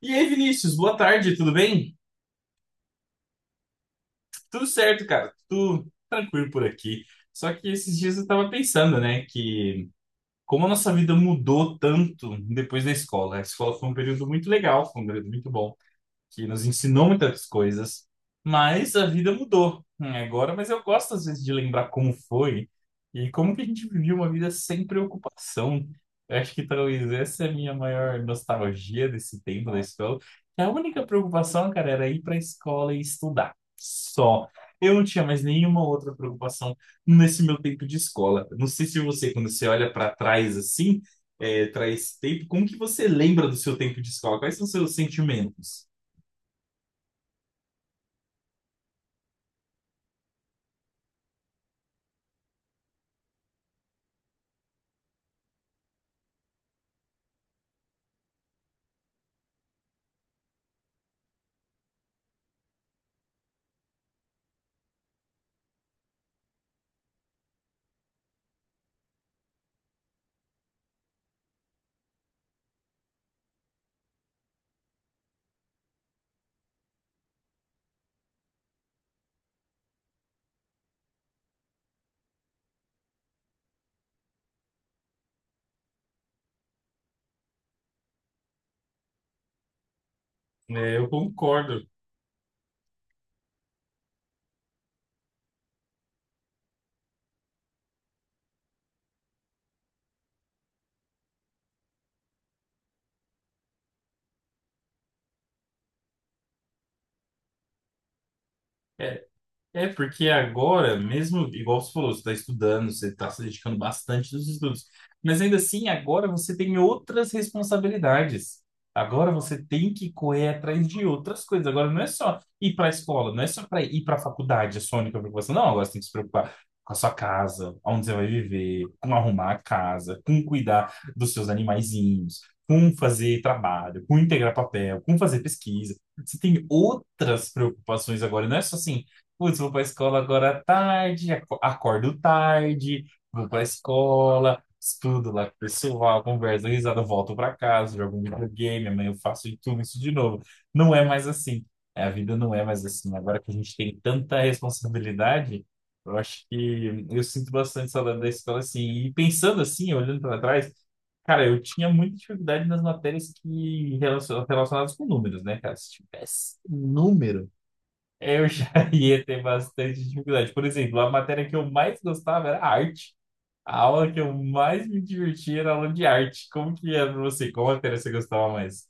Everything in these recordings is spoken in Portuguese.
E aí, Vinícius, boa tarde, tudo bem? Tudo certo, cara, tudo tranquilo por aqui. Só que esses dias eu tava pensando, né, que como a nossa vida mudou tanto depois da escola. A escola foi um período muito legal, foi um período muito bom que nos ensinou muitas coisas, mas a vida mudou né, agora. Mas eu gosto, às vezes, de lembrar como foi e como que a gente vivia uma vida sem preocupação. Eu acho que talvez essa é a minha maior nostalgia desse tempo da escola. Que A única preocupação, cara, era ir para a escola e estudar. Só. Eu não tinha mais nenhuma outra preocupação nesse meu tempo de escola. Não sei se você, quando você olha para trás assim, traz tempo, como que você lembra do seu tempo de escola? Quais são os seus sentimentos? É, eu concordo. É, porque agora, mesmo, igual você falou, você está estudando, você está se dedicando bastante nos estudos, mas ainda assim, agora você tem outras responsabilidades. Agora você tem que correr atrás de outras coisas. Agora não é só ir para a escola, não é só para ir para a faculdade, a sua única preocupação. Não, agora você tem que se preocupar com a sua casa, onde você vai viver, com arrumar a casa, com cuidar dos seus animaizinhos, com fazer trabalho, com integrar papel, com fazer pesquisa. Você tem outras preocupações agora, não é só assim. Putz, vou pra escola agora à tarde, acordo tarde, vou pra escola, estudo lá com o pessoal, converso, dou risada, volto pra casa, jogo um videogame, amanhã eu faço de tudo isso de novo. Não é mais assim. A vida não é mais assim. Agora que a gente tem tanta responsabilidade, eu acho que eu sinto bastante saudade da escola assim. E pensando assim, olhando para trás, cara, eu tinha muita dificuldade nas matérias relacionadas com números, né, cara? Se tivesse um número eu já ia ter bastante dificuldade. Por exemplo, a matéria que eu mais gostava era arte. A aula que eu mais me divertia era a aula de arte. Como que era pra você? Qual matéria você gostava mais?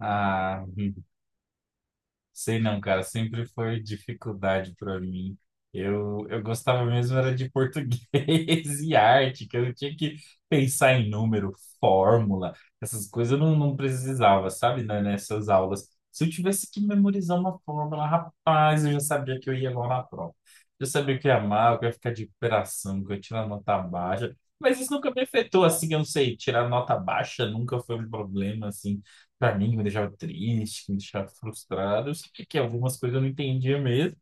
Ah, sei não, cara, sempre foi dificuldade para mim. Eu gostava mesmo era de português e arte, que eu tinha que pensar em número, fórmula, essas coisas eu não precisava, sabe, né, nessas aulas. Se eu tivesse que memorizar uma fórmula, rapaz, eu já sabia que eu ia mal na prova. Eu sabia que eu ia mal, que eu ia ficar de recuperação, que eu ia tirar nota baixa. Mas isso nunca me afetou, assim, eu não sei, tirar nota baixa nunca foi um problema, assim pra mim, que me deixava triste, que me deixava frustrado. Eu sabia que algumas coisas eu não entendia mesmo.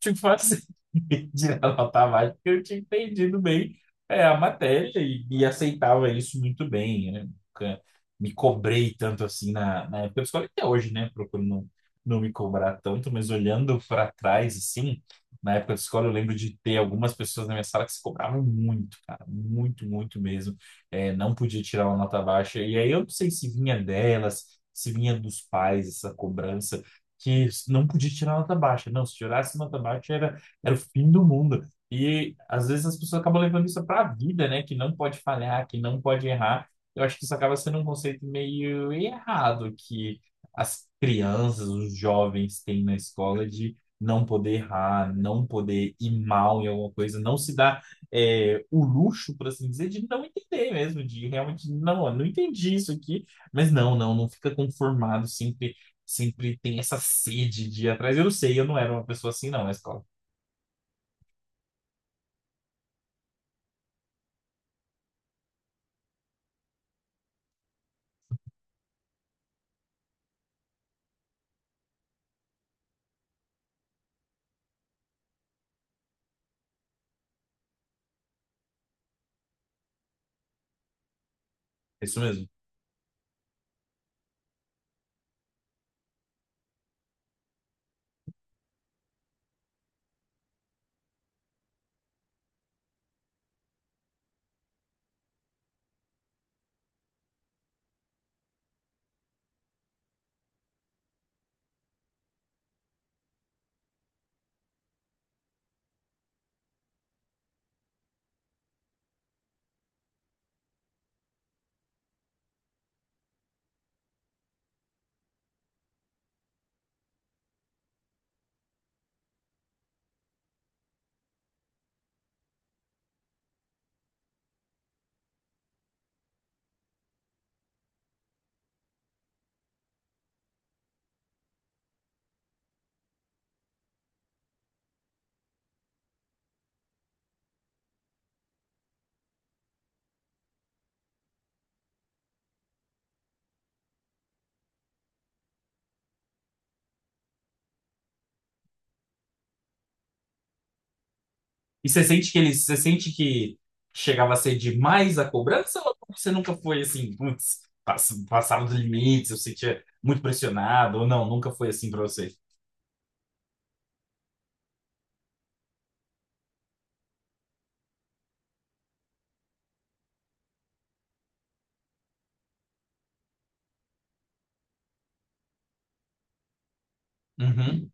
Tipo assim, tirar nota baixa porque eu tinha entendido bem a matéria e aceitava isso muito bem, né? Nunca me cobrei tanto assim na época da escola, até hoje, né? Procuro não me cobrar tanto, mas olhando para trás, assim, na época da escola, eu lembro de ter algumas pessoas na minha sala que se cobravam muito, cara, muito, muito mesmo. É, não podia tirar uma nota baixa, e aí eu não sei se vinha delas, se vinha dos pais essa cobrança que não podia tirar nota baixa. Não, se tirasse nota baixa era, era o fim do mundo. E às vezes as pessoas acabam levando isso para a vida, né? Que não pode falhar, que não pode errar. Eu acho que isso acaba sendo um conceito meio errado que as crianças, os jovens têm na escola de não poder errar, não poder ir mal em alguma coisa, não se dar o luxo, por assim dizer, de não entender mesmo, de realmente, não, eu não entendi isso aqui, mas não fica conformado sempre, sempre tem essa sede de ir atrás. Eu não sei, eu não era uma pessoa assim, não, na escola. É isso mesmo. E você sente que eles, você sente que chegava a ser demais a cobrança ou você nunca foi assim, putz, passava dos limites, eu sentia muito pressionado ou não, nunca foi assim pra você? Uhum,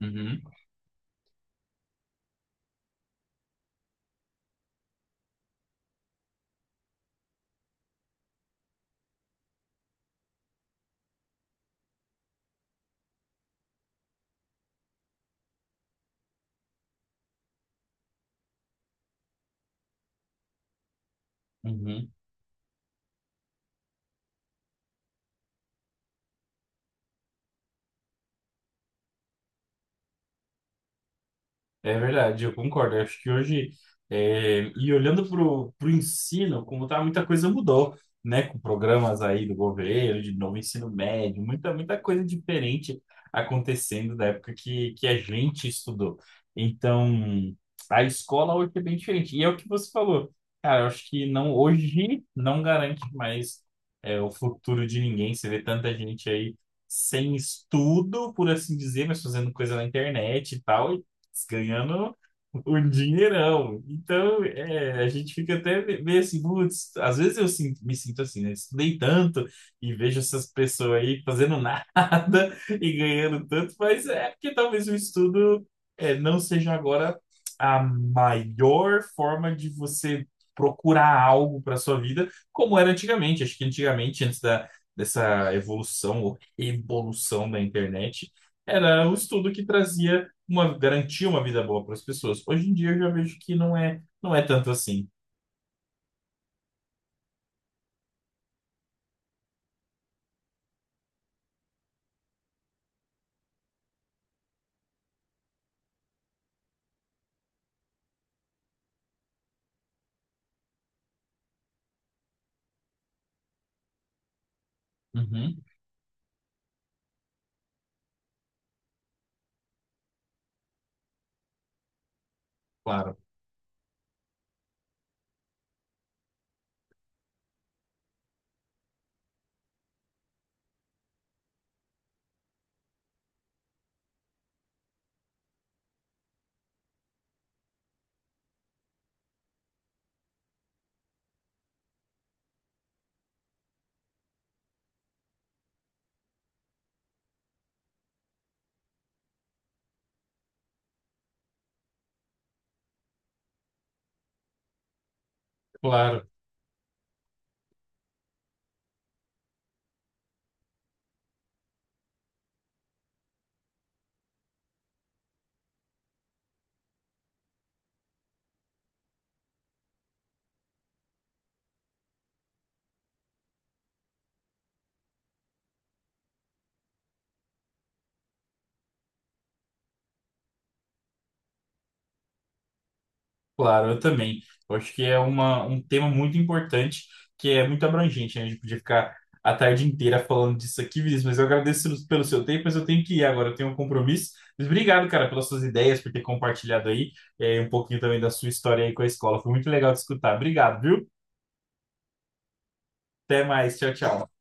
uhum, uhum. É verdade, eu concordo. Eu acho que hoje, e olhando para o ensino, como tá, muita coisa mudou, né? Com programas aí do governo, de novo ensino médio, muita coisa diferente acontecendo da época que a gente estudou. Então, a escola hoje é bem diferente. E é o que você falou. Cara, eu acho que não, hoje não garante mais, o futuro de ninguém. Você vê tanta gente aí sem estudo, por assim dizer, mas fazendo coisa na internet e tal, ganhando um dinheirão. Então, é, a gente fica até meio assim, putz, às vezes me sinto assim, né? Estudei tanto e vejo essas pessoas aí fazendo nada e ganhando tanto, mas é porque talvez o estudo não seja agora a maior forma de você procurar algo para sua vida, como era antigamente. Acho que antigamente, dessa evolução ou revolução da internet, era o estudo que trazia uma garantir uma vida boa para as pessoas. Hoje em dia eu já vejo que não é tanto assim. Uhum, claro, claro, claro, eu também. Eu acho que é um tema muito importante, que é muito abrangente, né? A gente podia ficar a tarde inteira falando disso aqui, Vinícius, mas eu agradeço pelo seu tempo, mas eu tenho que ir agora, eu tenho um compromisso. Mas obrigado, cara, pelas suas ideias, por ter compartilhado aí, um pouquinho também da sua história aí com a escola. Foi muito legal de escutar. Obrigado, viu? Até mais, tchau, tchau.